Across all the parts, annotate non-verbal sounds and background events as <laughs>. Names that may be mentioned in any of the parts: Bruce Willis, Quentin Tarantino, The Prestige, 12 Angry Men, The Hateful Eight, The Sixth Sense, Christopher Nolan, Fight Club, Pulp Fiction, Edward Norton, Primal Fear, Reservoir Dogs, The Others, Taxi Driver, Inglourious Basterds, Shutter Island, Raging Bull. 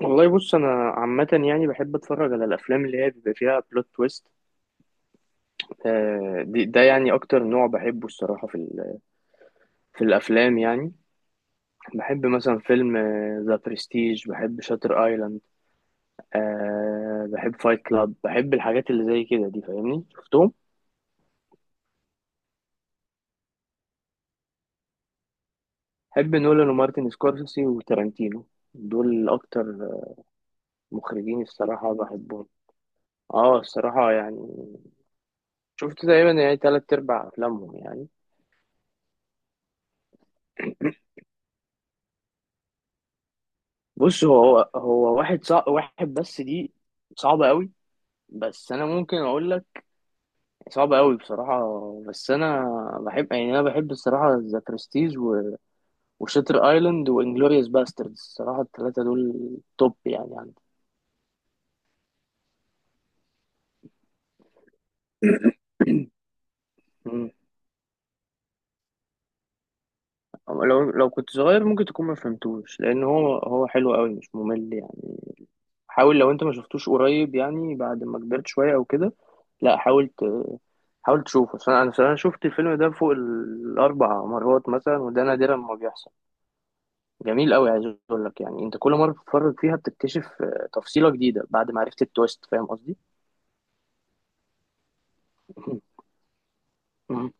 والله بص انا عامه يعني بحب اتفرج على الافلام اللي هي بيبقى فيها بلوت تويست. ده يعني اكتر نوع بحبه الصراحه في الافلام يعني. بحب مثلا فيلم ذا برستيج، بحب شاتر ايلاند، بحب فايت كلاب، بحب الحاجات اللي زي كده دي، فاهمني شفتهم. بحب نولان ومارتن سكورسيزي وتارانتينو، دول اكتر مخرجين الصراحه بحبهم. اه الصراحه يعني شفت تقريبا يعني تلات ارباع افلامهم يعني. بص، هو واحد صعب، واحد بس دي صعبة قوي. بس أنا ممكن أقول لك، صعبة قوي بصراحة. بس أنا بحب، يعني أنا بحب الصراحة، ذا برستيج و وشاتر أيلاند وإنجلوريوس باستردز. الصراحة التلاتة دول توب يعني عندي. مم. لو كنت صغير ممكن تكون ما فهمتوش، لأن هو حلو قوي، مش ممل يعني. حاول، لو انت ما شفتوش قريب يعني، بعد ما كبرت شوية او كده. لا حاول ت- حاول تشوفه، أصل انا صراحة شفت الفيلم ده فوق الاربع مرات مثلا، وده نادرا ما بيحصل. جميل قوي. عايز اقول لك يعني، انت كل مرة بتتفرج فيها بتكتشف تفصيلة جديدة بعد ما عرفت التويست، فاهم قصدي. مم.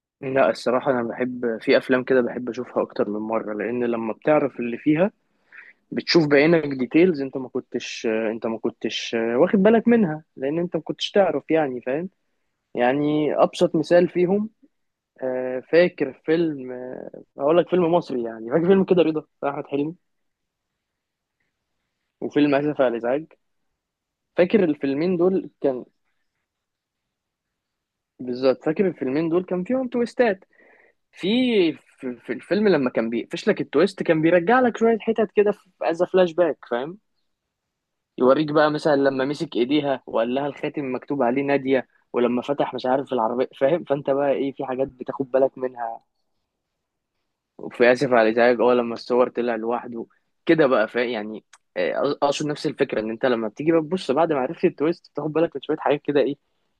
<laughs> لا الصراحة أنا بحب في أفلام كده، بحب أشوفها أكتر من مرة، لأن لما بتعرف اللي فيها بتشوف بعينك ديتيلز أنت ما كنتش واخد بالك منها، لأن أنت ما كنتش تعرف، يعني فاهم. يعني ابسط مثال فيهم، فاكر فيلم، اقول لك فيلم مصري يعني، فاكر فيلم كده رضا بتاع احمد حلمي، وفيلم اسف على الازعاج. فاكر الفيلمين دول كان، بالظبط فاكر الفيلمين دول كان فيهم تويستات. في، في الفيلم لما كان بيقفش لك التويست كان بيرجع لك شويه حتت كده في از فلاش باك، فاهم. يوريك بقى مثلا لما مسك ايديها وقال لها الخاتم مكتوب عليه ناديه، ولما فتح مش عارف العربيه، فاهم؟ فانت بقى ايه، في حاجات بتاخد بالك منها. وفي اسف على الازعاج اه، لما الصور طلع لوحده كده بقى، فاهم يعني. اقصد نفس الفكره، ان انت لما بتيجي بقى تبص بعد ما عرفت التويست بتاخد بالك من شويه حاجات كده، ايه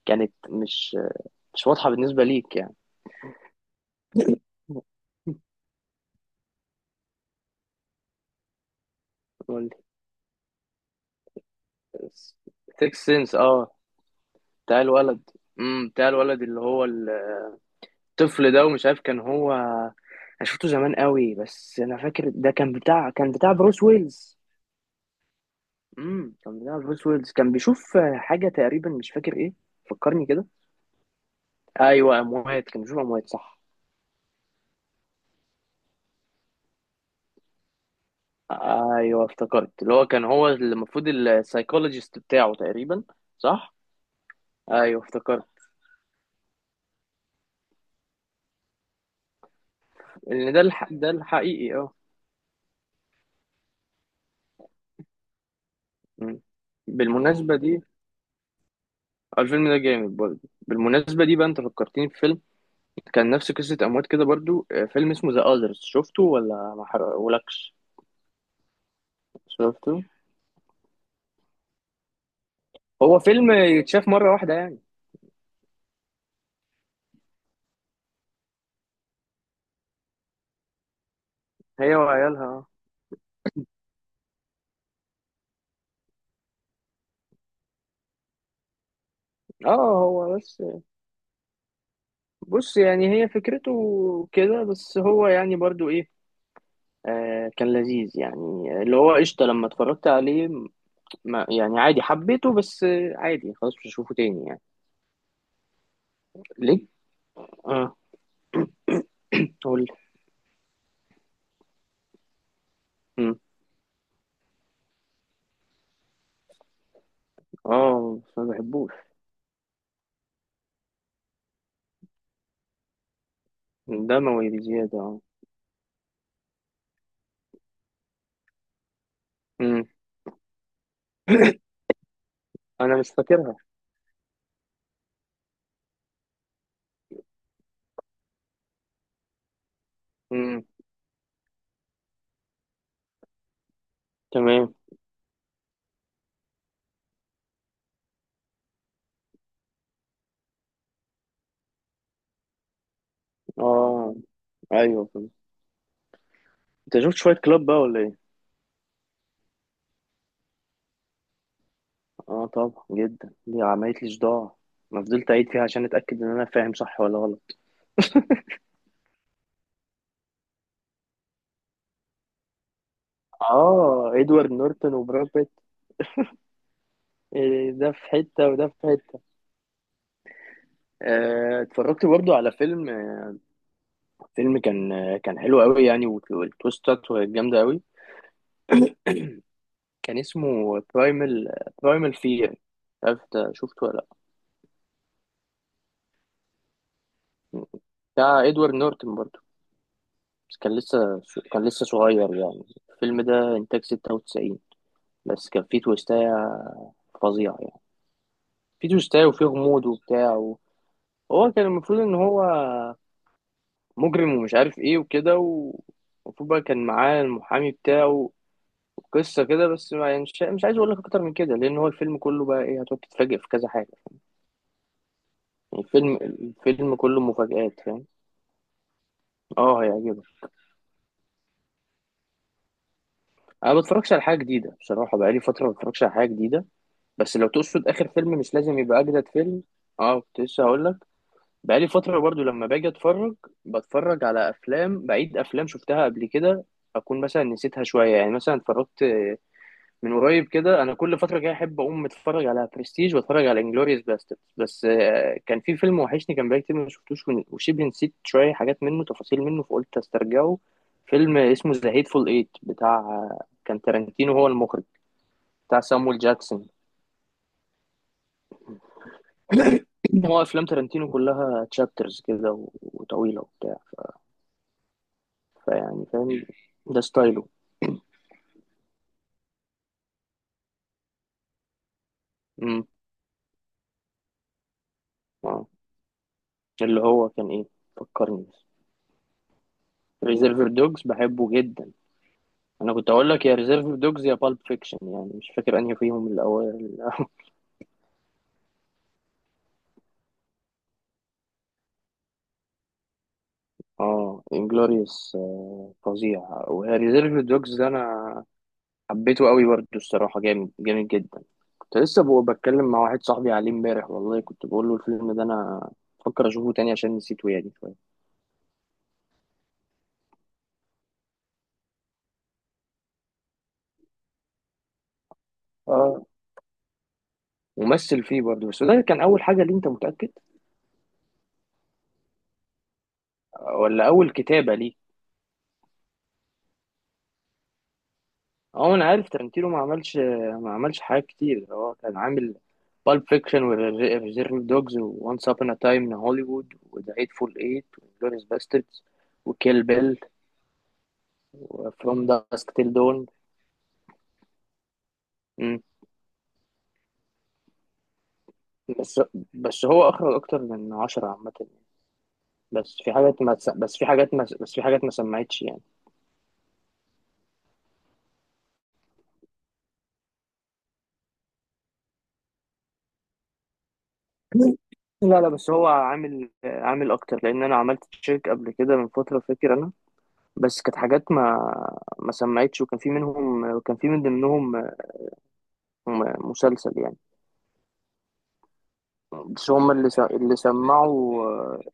كانت مش مش واضحه بالنسبه ليك يعني. قول لي. سيكس سنس اه، بتاع الولد. بتاع الولد اللي هو الطفل ده، ومش عارف كان هو، انا شفته زمان قوي، بس انا فاكر ده كان بتاع، كان بتاع بروس ويلز. كان بتاع بروس ويلز، كان بيشوف حاجه تقريبا مش فاكر ايه. فكرني كده. ايوه، اموات، كان بيشوف اموات صح. ايوه افتكرت، اللي هو كان هو المفروض السايكولوجيست بتاعه تقريبا. صح. ايوه افتكرت ان ده ده الحقيقي اه. مم. بالمناسبه دي، الفيلم ده جامد برضه. بالمناسبه دي بقى انت فكرتني في فيلم كان نفس قصه اموات كده برضه، فيلم اسمه ذا اذرز، شفته ولا ما حرقهولكش؟ شفته. هو فيلم يتشاف مره واحده يعني. هي وعيالها. اه، هو بس، بص يعني هي فكرته كده بس، هو يعني برضو ايه، آه كان لذيذ يعني، اللي هو قشطة لما اتفرجت عليه، ما يعني عادي حبيته، بس عادي خلاص مش هشوفه تاني يعني. ليه؟ اه. قول لي. مم. اه بس ما بحبوش. دموي بزيادة اه. مم. <coughs> انا مش فاكرها. مم. تمام. اه. ايوه فهمت. انت شفت شوية كلاب بقى ولا ايه؟ اه طبعا، جدا، دي عملت لي صداع. انا فضلت اعيد فيها عشان اتاكد ان انا فاهم صح ولا غلط. اه ادوارد نورتون وبراد بيت. إيه ده في حته وده في حته. اتفرجت برضو على فيلم، فيلم كان كان حلو قوي يعني، والتويستات جامدة قوي. كان اسمه برايمال، برايمال فير. عارف ده شفته ولا لا؟ بتاع ادوارد نورتن برضو. بس كان لسه كان لسه صغير يعني. الفيلم ده انتاج 96، بس كان فيه تويستاية فظيعة يعني. فيه تويستاية وفيه غموض وبتاع هو كان المفروض ان هو مجرم، ومش عارف ايه وكده، ومفروض بقى كان معاه المحامي بتاعه. قصة كده، بس ما يعني، مش عايز اقول لك اكتر من كده، لان هو الفيلم كله بقى ايه، هتقعد تتفاجئ في كذا حاجة. يعني الفيلم كله مفاجآت، فاهم. اه هيعجبك. انا ما بتفرجش على حاجة جديدة بصراحة، بقالي فترة ما بتفرجش على حاجة جديدة. بس لو تقصد اخر فيلم، مش لازم يبقى اجدد فيلم. اه كنت لسه هقول لك، بقالي فترة برضو لما باجي اتفرج بتفرج على افلام بعيد، افلام شفتها قبل كده، اكون مثلا نسيتها شوية يعني. مثلا اتفرجت من قريب كده، انا كل فتره كده احب اقوم اتفرج على برستيج واتفرج على انجلوريوس باسترد، بس كان في فيلم وحشني، كان بقالي كتير ما شفتوش، وشبه نسيت شويه حاجات منه، تفاصيل منه، فقلت استرجعه. فيلم اسمه ذا هيتفول ايت بتاع، كان تارانتينو هو المخرج، بتاع سامويل جاكسون. هو افلام تارانتينو كلها تشابترز كده وطويله وبتاع فيعني فاهم، ده ستايله. امم اه، اللي هو كان ايه، فكرني. ريزيرفر دوجز بحبه جدا. انا كنت اقول لك يا ريزيرف دوجز يا بالب فيكشن، يعني مش فاكر انهي فيهم الاول. <laughs> اه انجلوريوس فظيع، وهي ريزيرف دوجز ده انا حبيته قوي برضه الصراحه، جامد جامد جدا. كنت لسه بتكلم مع واحد صاحبي عليه امبارح، والله كنت بقول له الفيلم ده انا بفكر اشوفه تاني عشان نسيته يعني شويه. اه، ومثل فيه برضه، بس ده كان اول حاجه ليه انت متاكد؟ ولا اول كتابه ليه؟ هو انا عارف ترنتينو ما عملش ما عملش حاجات كتير. هو كان عامل بالب فيكشن وريزيرف دوجز وانس ابون ا تايم ان هوليوود وذا هيتفول ايت وجلوريس باستردز وكيل بيل وفروم داسك تيل دون. مم. بس بس هو اخرج اكتر من 10 عامة يعني. بس في حاجات ما تس- بس في حاجات ما بس في حاجات ما سمعتش يعني. لا لا، بس هو عامل اكتر، لان انا عملت تشيك قبل كده من فترة فاكر. بس كانت حاجات ما سمعتش، وكان في منهم، وكان في من ضمنهم مسلسل يعني. بس هم اللي س- اللي سمعوا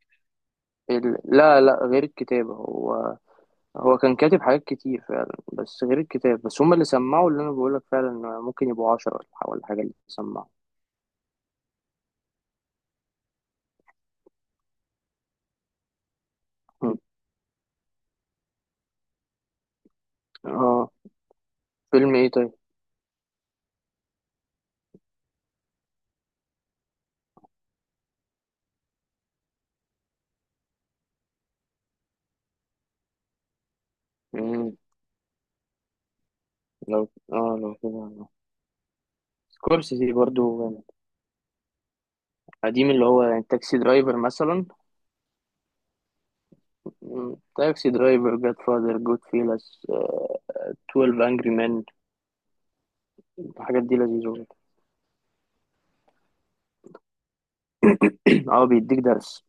لا لا، غير الكتابة، هو هو كان كاتب حاجات كتير فعلا، بس غير الكتاب بس هم اللي سمعوا اللي انا بقولك، فعلا ممكن يبقوا 10 ولا ولا حاجة اللي سمعوا. مم. اه. فيلم ايه طيب؟ مم. لو كده. سكورسيزي برضو جامد. قديم اللي هو يعني تاكسي درايفر مثلا. مم. تاكسي درايفر، جاد فاذر، جود فيلس، 12 انجري مان. الحاجات دي لذيذة برضه. <clears throat> اه بيديك درس.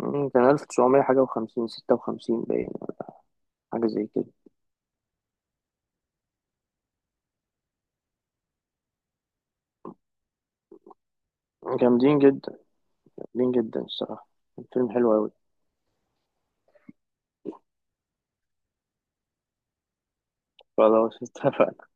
مم، كان 1900 حاجة وخمسين، ستة وخمسين باين. حاجة زي كده. جامدين جدا. جامدين جدا الصراحة. الفيلم حلو أوي. فلو